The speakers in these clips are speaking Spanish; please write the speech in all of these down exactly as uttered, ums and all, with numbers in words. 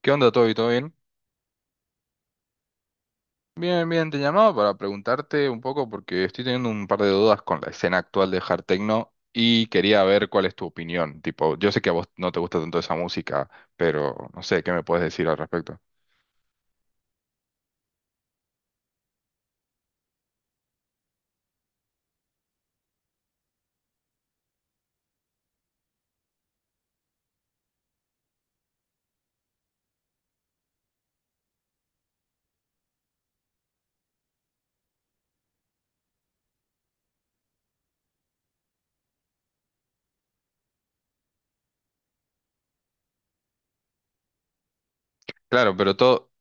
¿Qué onda, Toby? ¿Todo bien? Bien, bien, te llamaba para preguntarte un poco porque estoy teniendo un par de dudas con la escena actual de hard techno y quería ver cuál es tu opinión. Tipo, yo sé que a vos no te gusta tanto esa música, pero no sé, ¿qué me puedes decir al respecto? Claro, pero todo,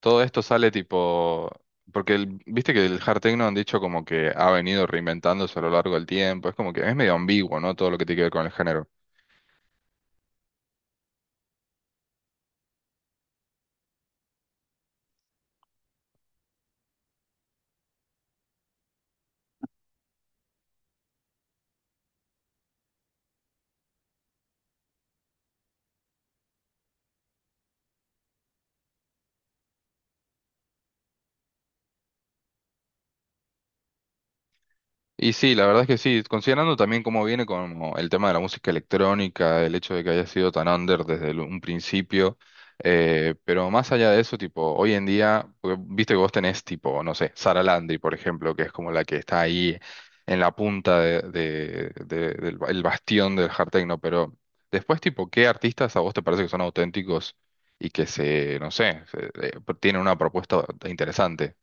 todo esto sale tipo, porque el- viste que el hard techno han dicho como que ha venido reinventándose a lo largo del tiempo, es como que es medio ambiguo, ¿no? Todo lo que tiene que ver con el género. Y sí, la verdad es que sí, considerando también cómo viene como el tema de la música electrónica, el hecho de que haya sido tan under desde el- un principio, eh, pero más allá de eso, tipo, hoy en día, porque viste que vos tenés tipo, no sé, Sara Landry, por ejemplo, que es como la que está ahí en la punta de, de- de- del ba- el bastión del hard techno, pero después, tipo, ¿qué artistas a vos te parece que son auténticos y que se, no sé, se- eh, tienen una propuesta interesante?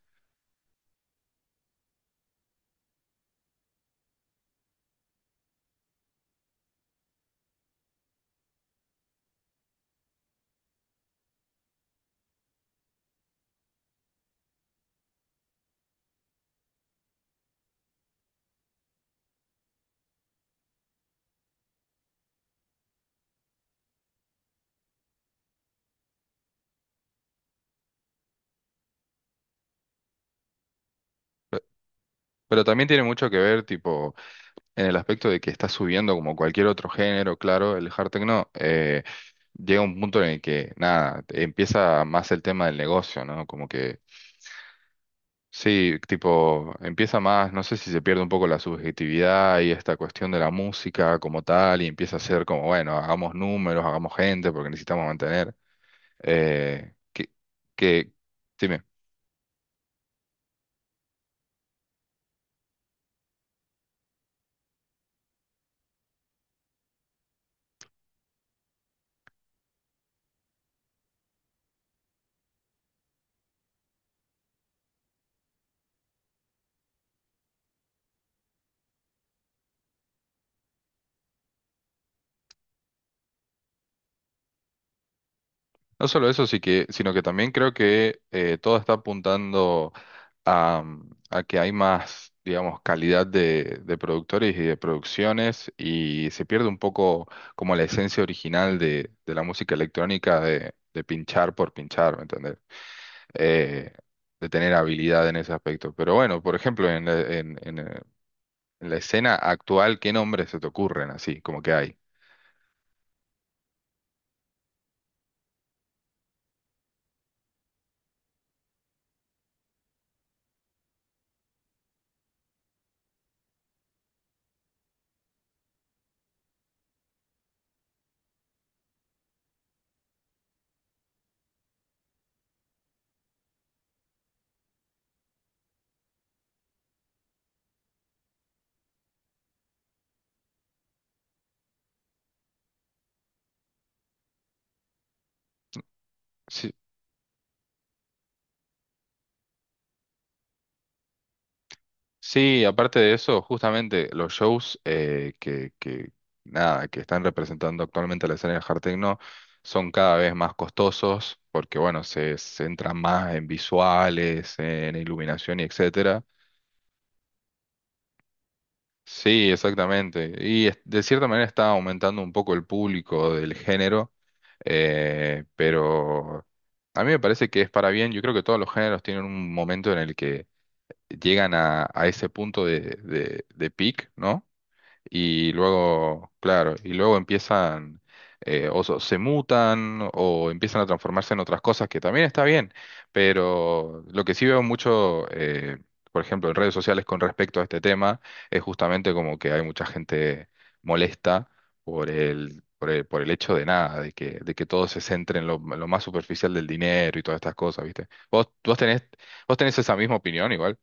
Pero también tiene mucho que ver, tipo, en el aspecto de que está subiendo como cualquier otro género, claro, el hard techno eh, llega un punto en el que, nada, empieza más el tema del negocio, ¿no? Como que, sí, tipo, empieza más, no sé si se pierde un poco la subjetividad y esta cuestión de la música como tal, y empieza a ser como, bueno, hagamos números, hagamos gente, porque necesitamos mantener, eh, que, que, dime. No solo eso, sí que, sino que también creo que eh, todo está apuntando a, mm, a que hay más, digamos, calidad de, de productores y de producciones y se pierde un poco como la esencia original de, de la música electrónica de, de pinchar por pinchar, ¿me entendés? Eh, de tener habilidad en ese aspecto. Pero bueno, por ejemplo, en la, en, en, eh, en la escena actual, ¿qué nombres se te ocurren así, como que hay? Sí, aparte de eso, justamente los shows eh, que, que, nada, que están representando actualmente la escena del hard techno son cada vez más costosos porque, bueno, se centran más en visuales, en iluminación y etcétera. Sí, exactamente. Y es- de cierta manera está aumentando un poco el público del género, eh, pero a mí me parece que es para bien. Yo creo que todos los géneros tienen un momento en el que llegan a, a ese punto de, de, de peak, ¿no? Y luego, claro, y luego empiezan, eh, o so- se mutan o empiezan a transformarse en otras cosas, que también está bien, pero lo que sí veo mucho, eh, por ejemplo, en redes sociales con respecto a este tema, es justamente como que hay mucha gente molesta por el, por el, por el hecho de nada, de que, de que todo se centre en lo, en lo más superficial del dinero y todas estas cosas, ¿viste? ¿Vos, vos tenés, ¿vos tenés esa misma opinión igual?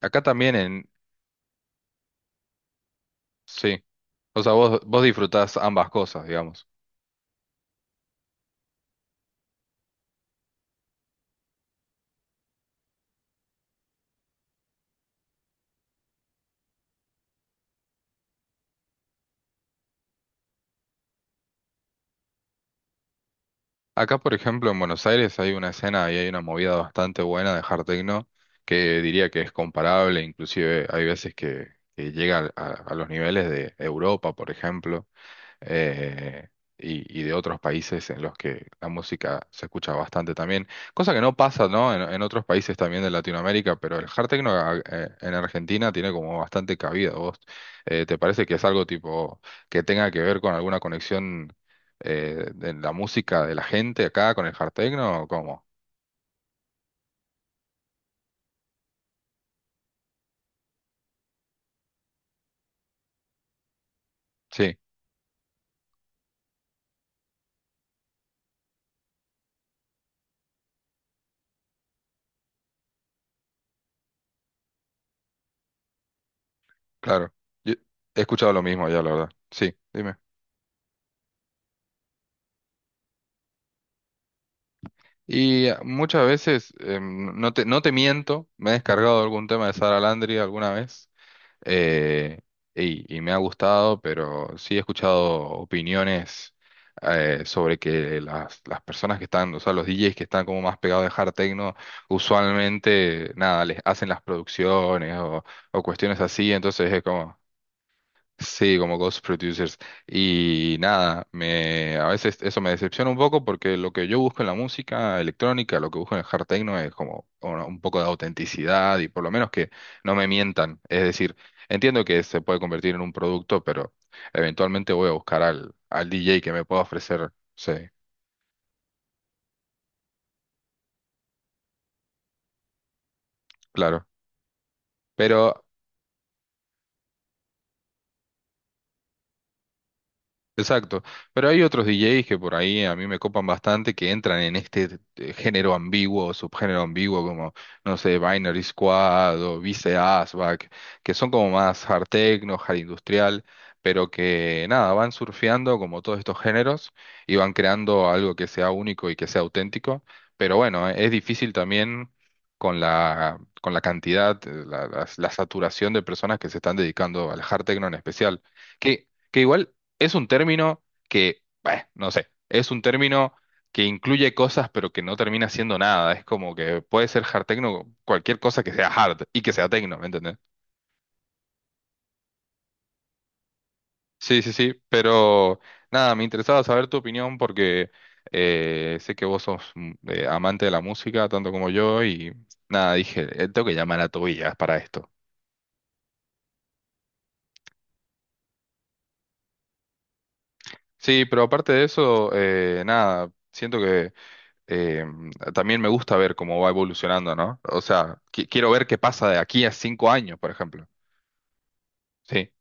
Acá también en... Sí. O sea, vos, vos disfrutás ambas cosas, digamos. Acá, por ejemplo, en Buenos Aires hay una escena y hay una movida bastante buena de hard techno que diría que es comparable, inclusive hay veces que, que llega a, a los niveles de Europa, por ejemplo. eh, y, y de otros países en los que la música se escucha bastante también, cosa que no pasa, ¿no? En, en otros países también de Latinoamérica, pero el hard techno a- eh, en Argentina tiene como bastante cabida. ¿Vos eh, te parece que es algo tipo que tenga que ver con alguna conexión eh, de la música de la gente acá con el hard techno o cómo? Sí, claro. Yo he escuchado lo mismo ya, la verdad. Sí, dime. Y muchas veces, em, no te, no te miento, me he descargado algún tema de Sara Landry alguna vez eh, y, y me ha gustado, pero sí he escuchado opiniones eh, sobre que las, las personas que están, o sea, los D Js que están como más pegados de hard techno, usualmente, nada, les hacen las producciones o, o cuestiones así, entonces es como, Sí, como Ghost Producers. Y nada, me, a veces eso me decepciona un poco porque lo que yo busco en la música electrónica, lo que busco en el hard techno es como un, un poco de autenticidad y por lo menos que no me mientan. Es decir, entiendo que se puede convertir en un producto, pero eventualmente voy a buscar al, al D J que me pueda ofrecer. Sí, claro. Pero exacto, pero hay otros D Js que por ahí a mí me copan bastante que entran en este eh, género ambiguo o subgénero ambiguo como, no sé, Binary Squad o Vice Asbak, que son como más hard techno, hard industrial, pero que nada, van surfeando como todos estos géneros y van creando algo que sea único y que sea auténtico, pero bueno, eh, es difícil también con la, con la cantidad, eh, la, la la saturación de personas que se están dedicando al hard techno en especial. que que igual es un término que, bueno, no sé, es un término que incluye cosas pero que no termina siendo nada. Es como que puede ser hard techno cualquier cosa que sea hard y que sea techno, ¿me entendés? Sí, sí, sí, pero nada, me interesaba saber tu opinión porque eh, sé que vos sos mm, eh, amante de la música tanto como yo y nada, dije, eh, tengo que llamar a Tobías para esto. Sí, pero aparte de eso, eh, nada, siento que... eh, también me gusta ver cómo va evolucionando, ¿no? O sea, qui- quiero ver qué pasa de aquí a cinco años, por ejemplo. Sí,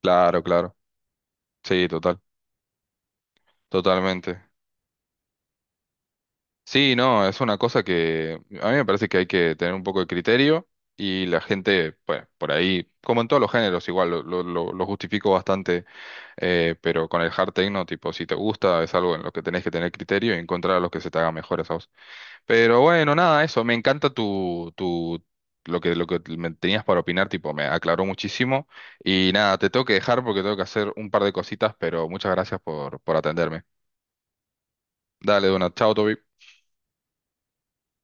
claro, claro. Sí, total, totalmente. Sí, no, es una cosa que a mí me parece que hay que tener un poco de criterio y la gente, pues, por ahí, como en todos los géneros, igual lo, lo- lo- lo justifico bastante, eh, pero con el hard techno, tipo, si te gusta, es algo en lo que tenés que tener criterio y encontrar a los que se te hagan mejores a vos. Pero bueno, nada, eso. Me encanta tu, tu, lo que, lo que me tenías para opinar, tipo, me aclaró muchísimo. Y nada, te tengo que dejar porque tengo que hacer un par de cositas, pero muchas gracias por, por atenderme. Dale, Dona, chao, Toby.